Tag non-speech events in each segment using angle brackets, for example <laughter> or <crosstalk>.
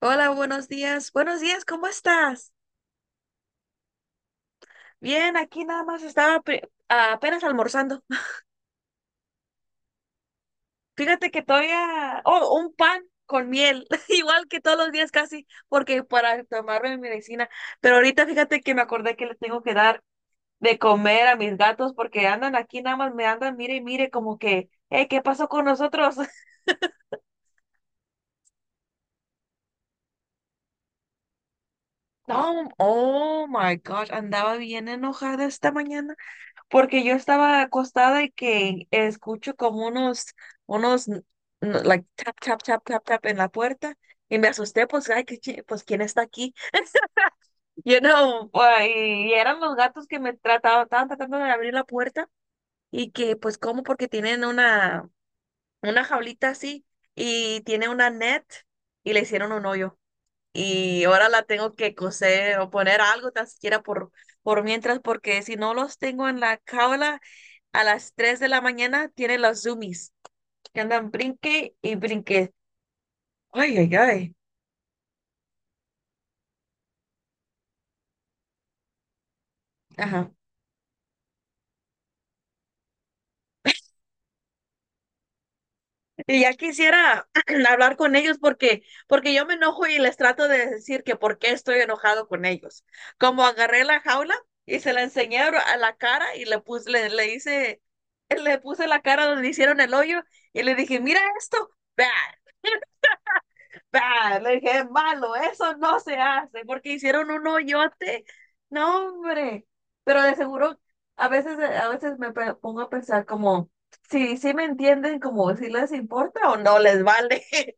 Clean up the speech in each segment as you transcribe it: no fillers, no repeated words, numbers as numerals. Hola, buenos días. Buenos días, ¿cómo estás? Bien, aquí nada más estaba apenas almorzando. <laughs> Fíjate que todavía... Oh, un pan con miel, <laughs> igual que todos los días casi, porque para tomarme mi medicina. Pero ahorita fíjate que me acordé que le tengo que dar de comer a mis gatos porque andan aquí nada más, me andan, mire y mire, como que, ¿qué pasó con nosotros? <laughs> No, oh my gosh, andaba bien enojada esta mañana. Porque yo estaba acostada y que escucho como unos, unos, n- like, tap, tap, tap, tap, tap en la puerta. Y me asusté, pues, ay, pues, ¿quién está aquí? <laughs> Pues, y eran los gatos que me trataban, estaban tratando de abrir la puerta y que, pues, cómo porque tienen una, jaulita así y tiene una net y le hicieron un hoyo y ahora la tengo que coser o poner algo tan siquiera por mientras, porque si no los tengo en la jaula a las 3 de la mañana, tienen los zoomies que andan brinque y brinque. Ay, ay, ay. Ajá. Y ya quisiera <clears throat> hablar con ellos porque, porque yo me enojo y les trato de decir que por qué estoy enojado con ellos. Como agarré la jaula y se la enseñé a la cara y le puse, le hice, <laughs> le puse la cara donde hicieron el hoyo y le dije, mira esto, vea, bah. Le dije, es malo, eso no se hace, porque hicieron un hoyote. No, hombre. Pero de seguro, a veces, me pongo a pensar como, si sí me entienden, como si les importa o no les vale. <laughs>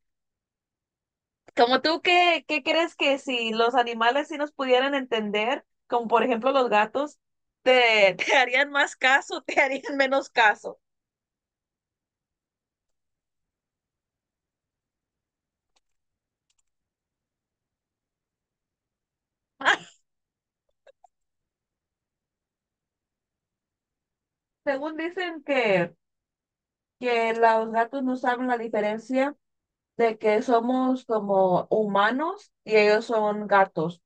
Como tú, ¿qué crees que si los animales sí nos pudieran entender, como por ejemplo los gatos, te, <laughs> te harían más caso, te harían menos caso? <laughs> Según dicen que, los gatos no saben la diferencia de que somos como humanos y ellos son gatos.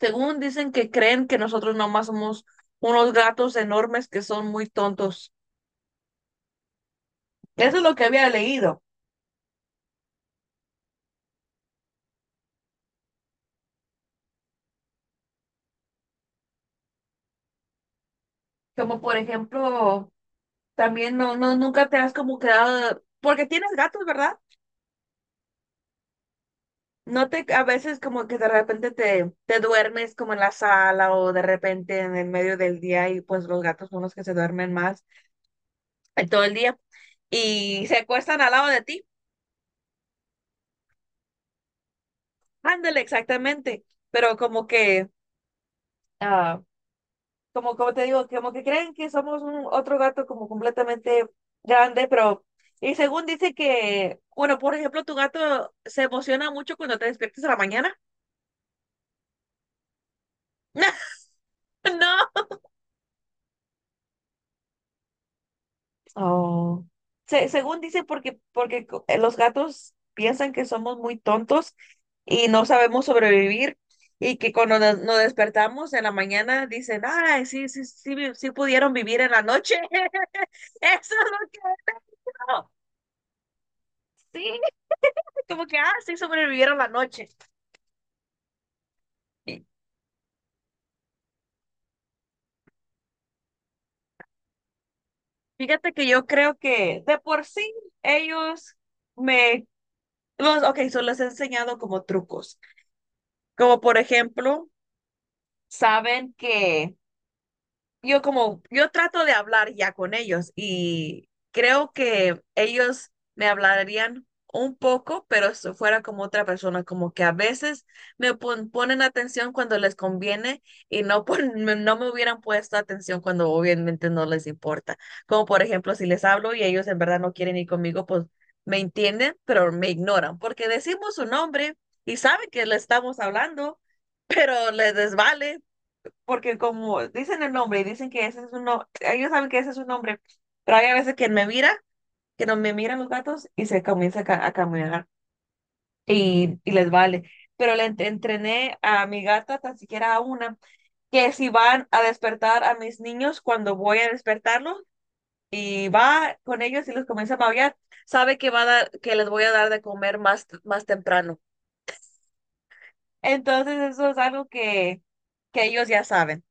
Según dicen que creen que nosotros nomás somos unos gatos enormes que son muy tontos. Eso es lo que había leído. Como por ejemplo, también no, no, nunca te has como quedado, porque tienes gatos, ¿verdad? No te, a veces como que de repente te duermes como en la sala o de repente en el medio del día y pues los gatos son los que se duermen más en todo el día y se acuestan al lado de ti. Ándale, exactamente. Pero como que, ah, como, como te digo, como que creen que somos un otro gato como completamente grande, pero, y según dice que, bueno, por ejemplo, tu gato se emociona mucho cuando te despiertas a la mañana. <laughs> No, oh. Según dicen, porque, los gatos piensan que somos muy tontos y no sabemos sobrevivir y que cuando nos despertamos en la mañana dicen, ay, sí, sí, sí, sí pudieron vivir en la noche. <laughs> Eso es lo que... no, sí, <laughs> como que, ah, sí sobrevivieron la noche. Y fíjate que yo creo que de por sí ellos me... Los, ok, so les he enseñado como trucos, como por ejemplo, saben que... yo como, yo trato de hablar ya con ellos y creo que ellos me hablarían un poco, pero si fuera como otra persona, como que a veces me ponen atención cuando les conviene y no, <laughs> no me hubieran puesto atención cuando obviamente no les importa. Como por ejemplo, si les hablo y ellos en verdad no quieren ir conmigo, pues me entienden, pero me ignoran porque decimos su nombre y saben que le estamos hablando, pero les desvale porque como dicen el nombre y dicen que ese es un nombre, ellos saben que ese es un nombre, pero hay a veces que me mira, que no me miran los gatos y se comienza a, a caminar y les vale. Pero le entrené a mi gata, tan siquiera a una, que si van a despertar a mis niños cuando voy a despertarlos y va con ellos y los comienza a maullar, sabe que va a dar, que les voy a dar de comer más temprano. Entonces eso es algo que ellos ya saben.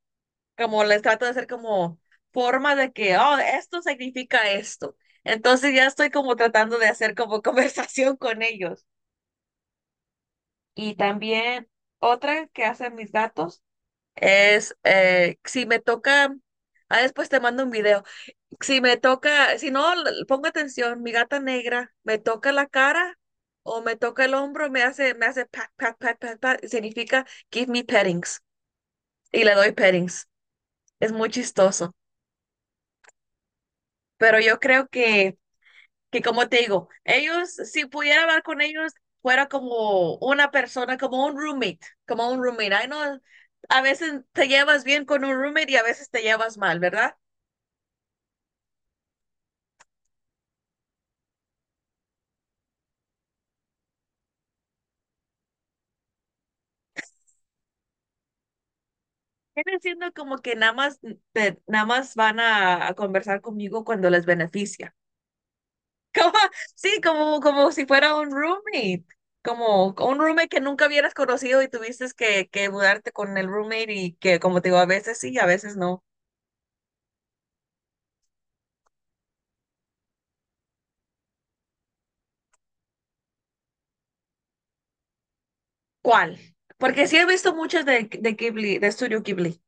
Como les trato de hacer como forma de que, oh, esto significa esto. Entonces ya estoy como tratando de hacer como <laughs> conversación con ellos. Y también otra que hacen mis gatos es, si me toca, ah, después te mando un video, si me toca, si no, pongo atención, mi gata negra me toca la cara o me toca el hombro, me hace pat, pat, pat, pat, pat, significa give me pettings y le doy pettings. Es muy chistoso. Pero yo creo que como te digo, ellos, si pudiera hablar con ellos, fuera como una persona, como un roommate, como un roommate. Ay, no, a veces te llevas bien con un roommate y a veces te llevas mal, ¿verdad? Viene siendo como que nada más, nada más van a conversar conmigo cuando les beneficia. <laughs> Como, sí, como, como si fuera un roommate, como un roommate que nunca hubieras conocido y tuviste que mudarte con el roommate y que, como te digo, a veces sí, a veces no. ¿Cuál? Porque sí he visto muchas de Ghibli, de Studio Ghibli,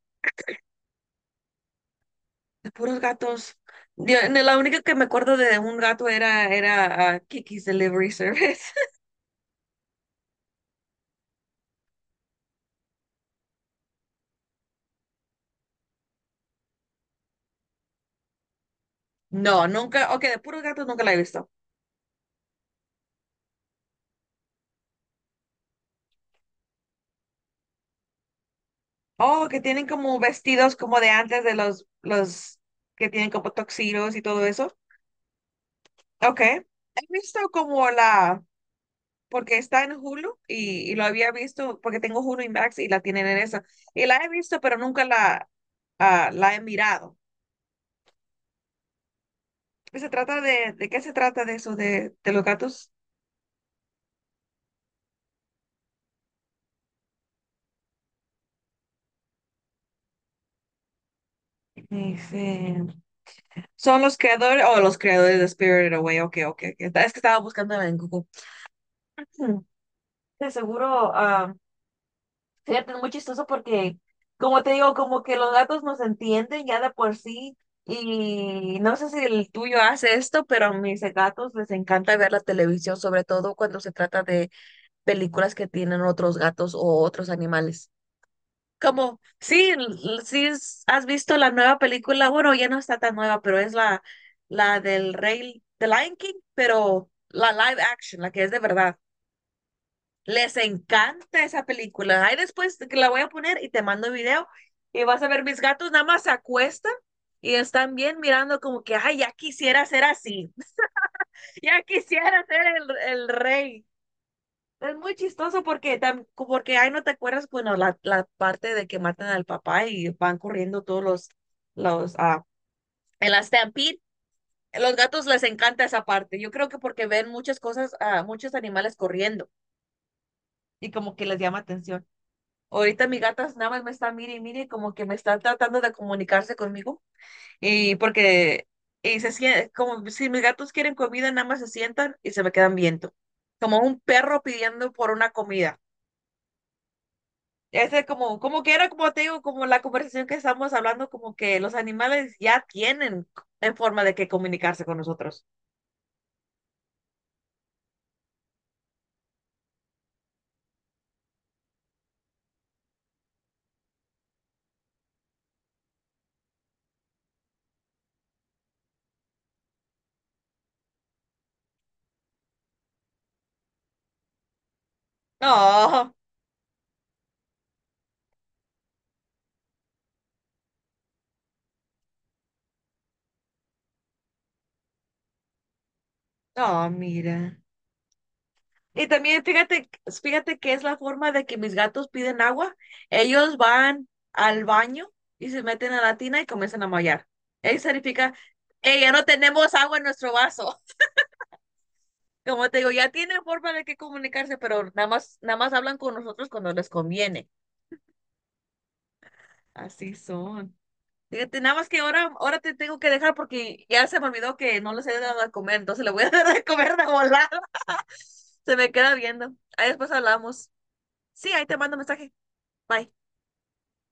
de puros gatos. Yo- no, la única que me acuerdo de un gato era, era ah, Kiki's Delivery Service. <laughs> No, nunca, ok, de puros gatos nunca la he visto. Oh, que tienen como vestidos como de antes de los que tienen como tuxedos y todo eso. Ok. He visto como la, porque está en Hulu y lo había visto porque tengo Hulu y Max y la tienen en eso. Y la he visto, pero nunca la, ah, la he mirado. Se trata ¿de qué se trata de eso de los gatos? Dice, son los creadores, o oh, los creadores de Spirited Away, ok, ok, ok. Es que estaba buscando en Google. Hmm, de seguro, ah, fíjate, es muy chistoso porque, como te digo, como que los gatos nos entienden ya de por sí, y no sé si el tuyo hace esto, pero a mis gatos les encanta ver la televisión, sobre todo cuando se trata de películas que tienen otros gatos o otros animales. Como, sí, sí, has visto la nueva película, bueno, ya no está tan nueva, pero es la, del Rey, de Lion King, pero la live action, la que es de verdad. Les encanta esa película. Ahí después que la voy a poner y te mando el video y vas a ver mis gatos nada más se acuestan y están bien mirando como que, ay, ya quisiera ser así, <laughs> ya quisiera ser el rey. Es muy chistoso porque, porque ahí no te acuerdas, bueno, la parte de que matan al papá y van corriendo todos los, los, ah, en la stampede, los gatos les encanta esa parte. Yo creo que porque ven muchas cosas, muchos animales corriendo y como que les llama atención. Ahorita mi gata nada más me está mire y mire, como que me está tratando de comunicarse conmigo y porque, y como si mis gatos quieren comida, nada más se sientan y se me quedan viendo, como un perro pidiendo por una comida. Ese como, como que era, como te digo, como la conversación que estamos hablando, como que los animales ya tienen en forma de que comunicarse con nosotros. No, no, mira. Y también fíjate, fíjate que es la forma de que mis gatos piden agua. Ellos van al baño y se meten a la tina y comienzan a maullar. Eso significa, hey, ya no tenemos agua en nuestro vaso. <laughs> Como te digo, ya tienen forma de que comunicarse, pero nada más, nada más hablan con nosotros cuando les conviene. Así son. Fíjate, nada más que ahora, ahora te tengo que dejar porque ya se me olvidó que no les he dado de comer, entonces le voy a <laughs> dar de comer de volada. Se me queda viendo. Ahí después hablamos. Sí, ahí te mando mensaje. Bye.